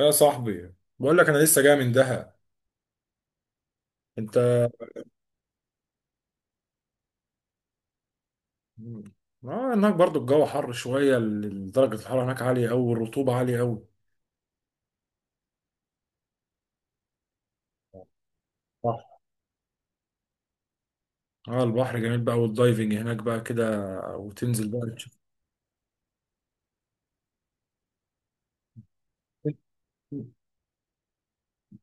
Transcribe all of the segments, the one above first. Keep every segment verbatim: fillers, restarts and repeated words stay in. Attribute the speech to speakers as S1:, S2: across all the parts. S1: يا صاحبي بقول لك انا لسه جاي من دهب. انت؟ اه، هناك برضو الجو حر شويه. ال- درجه الحراره هناك عاليه قوي والرطوبه عاليه قوي. صح. اه، البحر جميل بقى والدايفنج هناك بقى كده، وتنزل بقى تشوف.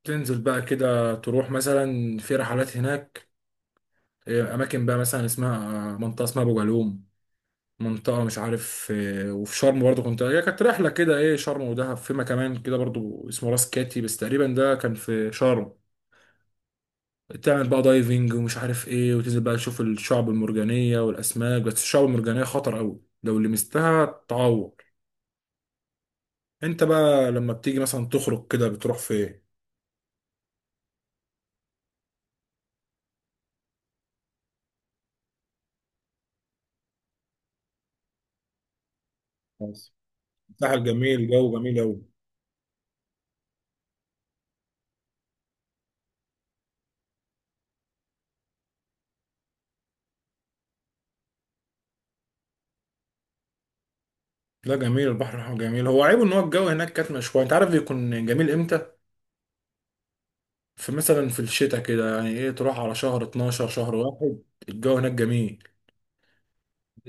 S1: تنزل بقى كده تروح مثلا في رحلات هناك. آه، اماكن بقى مثلا اسمها آه، منطقه اسمها ابو جالوم. منطقه مش عارف. آه، وفي شرم برضو كنت، هي كانت رحله كده، ايه، شرم ودهب، فيما كمان كده برضو اسمه راس كاتي، بس تقريبا ده كان في شرم. تعمل بقى دايفنج ومش عارف ايه، وتنزل بقى تشوف الشعب المرجانية والأسماك. بس الشعب المرجانية خطر أوي، لو لمستها تعور. انت بقى لما بتيجي مثلا تخرج كده بتروح فين؟ بس. ساحل جميل، جو جميل أوي. لا، جميل، البحر الأحمر جميل. هو عيبه إن هو الجو هناك كاتمة شوية. أنت عارف بيكون جميل إمتى؟ في مثلا في الشتاء كده، يعني إيه، تروح على شهر اتناشر، شهر واحد الجو هناك جميل.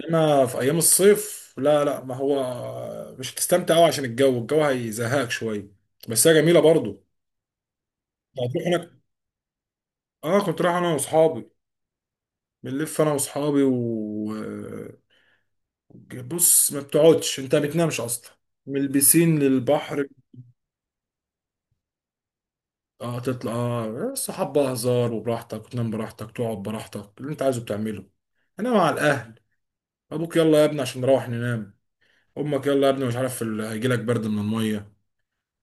S1: إنما في أيام الصيف لا، لا ما هو مش هتستمتع أوي، عشان الجو، الجو هيزهقك شوية. بس هي جميلة برضه. هتروح انا... اه، كنت رايح انا واصحابي. بنلف انا واصحابي و... بص، ما بتقعدش، انت ما بتنامش اصلا، من البسين للبحر. اه، تطلع، اه الصحاب بقى هزار وبراحتك، وتنام براحتك، تقعد براحتك، اللي انت عايزه بتعمله. انا مع الاهل: ابوك يلا يا ابني عشان نروح ننام، امك يلا يا ابني مش عارف ال- هيجيلك برد من الميه،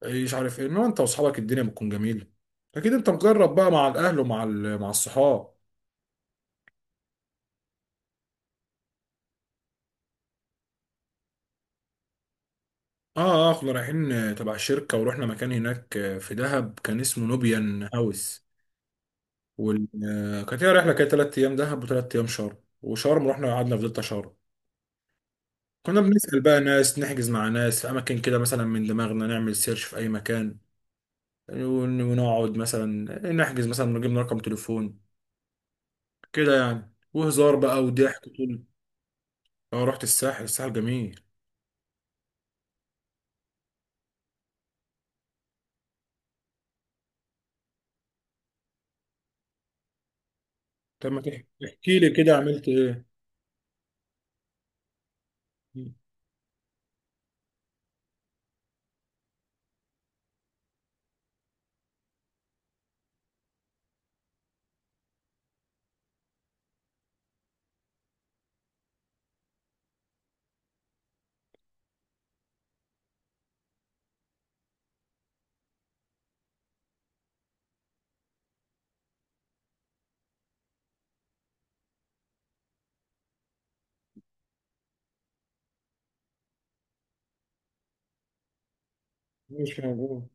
S1: إيه مش عارف ايه. انما انت واصحابك الدنيا بتكون جميله. اكيد انت مجرب بقى مع الاهل ومع ال- مع الصحاب. اه اه كنا رايحين آه، تبع الشركة، ورحنا مكان هناك آه، في دهب كان اسمه نوبيان هاوس. وال... آه، كانت هي رحلة، كانت تلات أيام دهب وتلات أيام شرم. وشرم رحنا قعدنا في دلتا شرم. كنا بنسأل بقى ناس، نحجز مع ناس في أماكن كده مثلا من دماغنا، نعمل سيرش في أي مكان، ون- ونقعد مثلا، نحجز مثلا، نجيب رقم تليفون كده يعني، وهزار بقى وضحك طول. اه، رحت الساحل. الساحل جميل. طب ما تح- تحكي لي كده عملت ايه. مش موجود.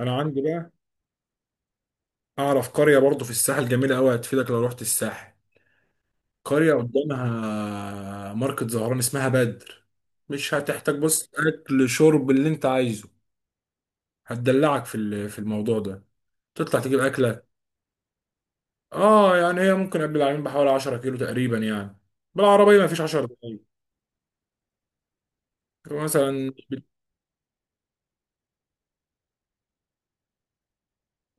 S1: انا عندي بقى، اعرف قرية برضو في الساحل جميلة قوي، هتفيدك لو رحت الساحل. قرية قدامها ماركت زهران اسمها بدر. مش هتحتاج، بص اكل شرب اللي انت عايزه، هتدلعك في ال- في الموضوع ده. تطلع تجيب اكلك. اه، يعني هي ممكن قبل العالمين بحوالي عشرة كيلو تقريبا يعني. بالعربية مفيش عشرة دقايق. مثلا بت-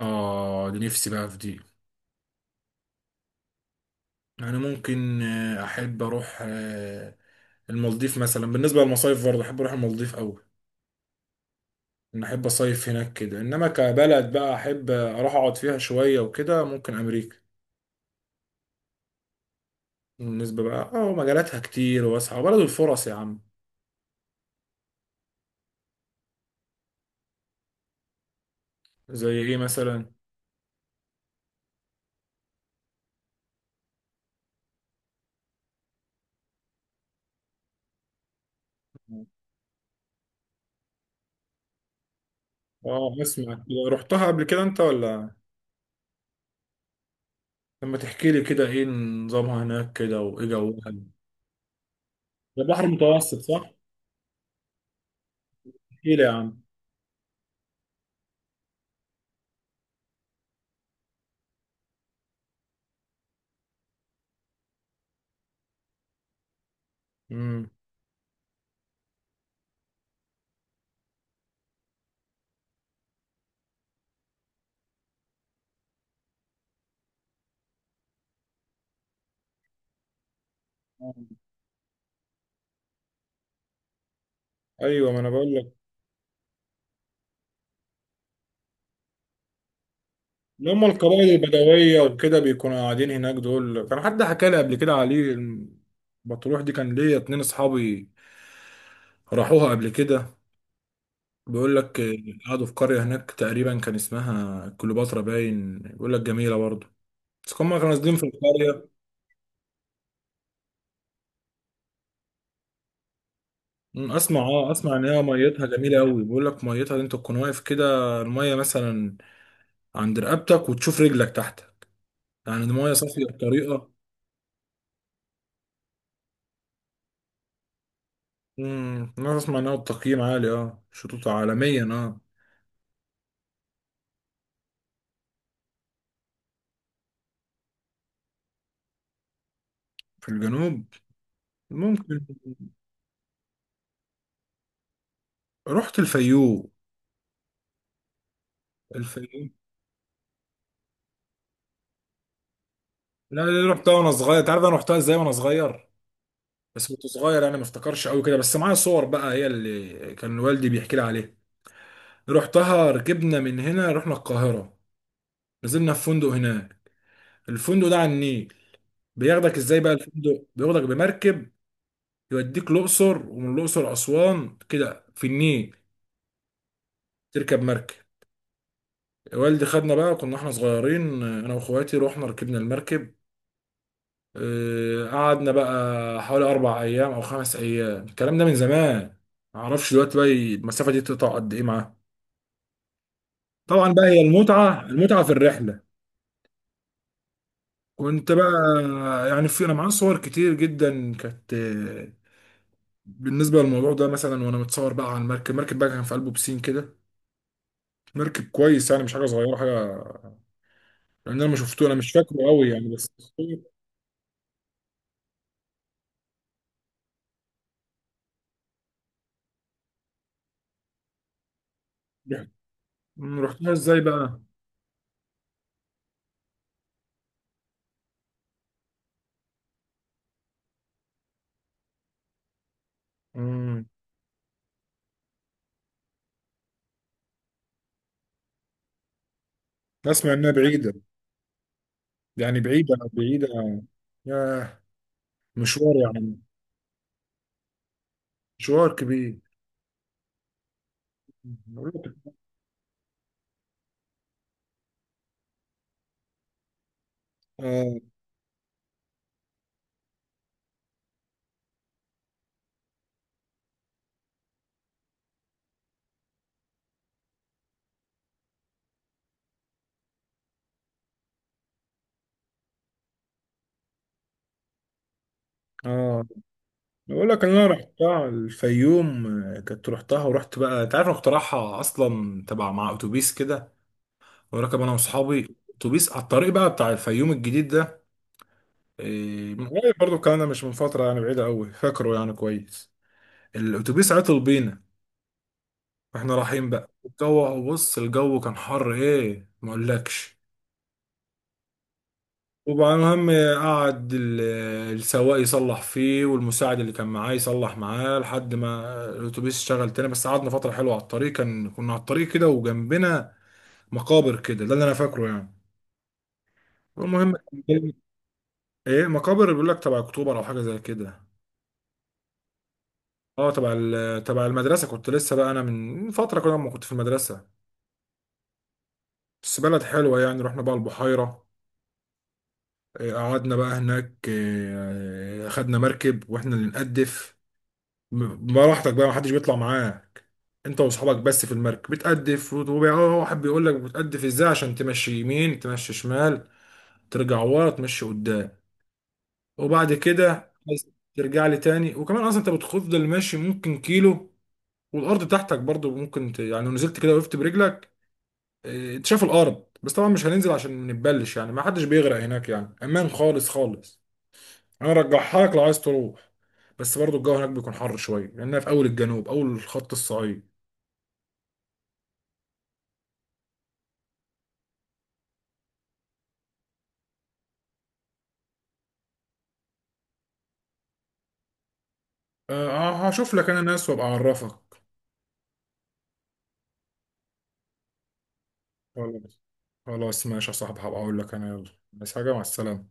S1: اه دي نفسي بقى في دي. يعني ممكن، آه، احب اروح، آه، المالديف مثلا. بالنسبة للمصايف برضه احب اروح المالديف قوي. أنا أحب أصيف هناك كده. إنما كبلد بقى أحب أروح أقعد فيها شوية وكده، ممكن أمريكا. بالنسبة بقى أه، مجالاتها كتير واسعة، بلد الفرص يا عم. زي إيه مثلا؟ أه، أسمع كده، رحتها قبل كده أنت ولا...؟ لما تحكي لي كده إيه نظامها هناك كده وإيه جوها. ده بحر متوسط صح؟ احكي لي يا عم. مم. ايوه ما انا بقول لك. اللي هم القبائل البدويه وكده بيكونوا قاعدين هناك. دول كان حد حكى لي قبل كده عليه الم- بتروح دي، كان ليا اتنين اصحابي راحوها قبل كده، بيقول لك قعدوا في قرية هناك تقريبا كان اسمها كليوباترا، باين بيقول لك جميلة برضه، بس هما كانوا نازلين في القرية. أمم، اسمع، اه اسمع ان هي ميتها جميلة قوي. بيقول لك ميتها دي انت تكون واقف كده، المية مثلا عند رقبتك وتشوف رجلك تحت، يعني المية صافية بطريقة... امم، انا اسمع انها التقييم عالي، اه شطوط عالميا، اه. في الجنوب. ممكن. رحت الفيوم. الفيوم. لا دي رحتها وانا صغير. تعرف انا رحتها ازاي وانا صغير؟ بس كنت صغير انا، ما افتكرش قوي كده، بس معايا صور بقى، هي اللي كان والدي بيحكي لي عليها. رحتها، ركبنا من هنا، رحنا القاهرة، نزلنا في فندق هناك. الفندق ده على النيل، بياخدك ازاي بقى الفندق؟ بياخدك بمركب، يوديك الأقصر، ومن الأقصر أسوان كده في النيل، تركب مركب. والدي خدنا بقى، كنا احنا صغيرين انا واخواتي، رحنا ركبنا المركب. آه، قعدنا بقى حوالي اربع ايام او خمس ايام. الكلام ده من زمان، معرفش دلوقتي بقى المسافة دي تقطع قد ايه معاه. طبعا بقى هي المتعه، المتعه في الرحله. كنت بقى يعني، في انا معايا صور كتير جدا كانت آه، بالنسبه للموضوع ده مثلا، وانا متصور بقى على المركب. المركب بقى كان في قلبه بسين كده، مركب كويس يعني، مش حاجه صغيره حاجه، لان انا ما شفته، انا مش فاكره قوي يعني، بس... مم، رحتها ازاي بقى. مم، اسمع انها بعيده، يعني بعيده بعيده. ياه، مشوار يعني. مشوار كبير. آه. آه، بقول لك انا رحتها الفيوم. آه، كنت رحتها، ورحت بقى، انت عارف انا كنت رايحها اصلا تبع مع اتوبيس كده، وراكب انا واصحابي اتوبيس على الطريق بقى بتاع الفيوم الجديد ده. إيه، من قريب برضه الكلام ده، مش من فتره يعني بعيده قوي، فاكره يعني كويس. الاتوبيس عطل بينا، واحنا رايحين بقى. الجو، بص الجو كان حر، ايه، ما اقولكش. وبقى المهم، قعد ال- السواق يصلح فيه، والمساعد اللي كان معاه يصلح معاه، لحد ما الاتوبيس اشتغل تاني. بس قعدنا فترة حلوة على الطريق، كان كنا على الطريق كده وجنبنا مقابر كده، ده اللي انا فاكره يعني. المهم... ايه، مقابر بيقول لك تبع اكتوبر او حاجة زي كده. اه تبع ال- تبع المدرسة، كنت لسه بقى انا من فترة كده لما كنت في المدرسة. بس بلد حلوة يعني. رحنا بقى البحيرة، إيه، قعدنا بقى هناك، إيه، خدنا مركب واحنا اللي نقدف. براحتك بقى، محدش بيطلع معاك، انت واصحابك بس في المركب، بتقدف وواحد بيقول لك بتقدف ازاي عشان تمشي يمين، تمشي شمال، ترجع ورا، تمشي قدام. وبعد كده عايز ترجع لي تاني. وكمان اصلا انت بتفضل ماشي ممكن كيلو، والارض تحتك برضو ممكن ت... يعني لو نزلت كده وقفت برجلك، اه، انت شايف الارض. بس طبعا مش هننزل عشان ما نتبلش يعني، ما حدش بيغرق هناك يعني، امان خالص خالص. انا ارجعها لك لو عايز تروح. بس برضو الجو هناك بيكون حر شويه، لانها في اول الجنوب، اول الخط الصعيد. أه هشوف لك انا ناس وابقى اعرفك. خلاص، خلاص ماشي يا صاحبي. هبقى اقول لك انا. يلا بس، حاجة مع السلامة.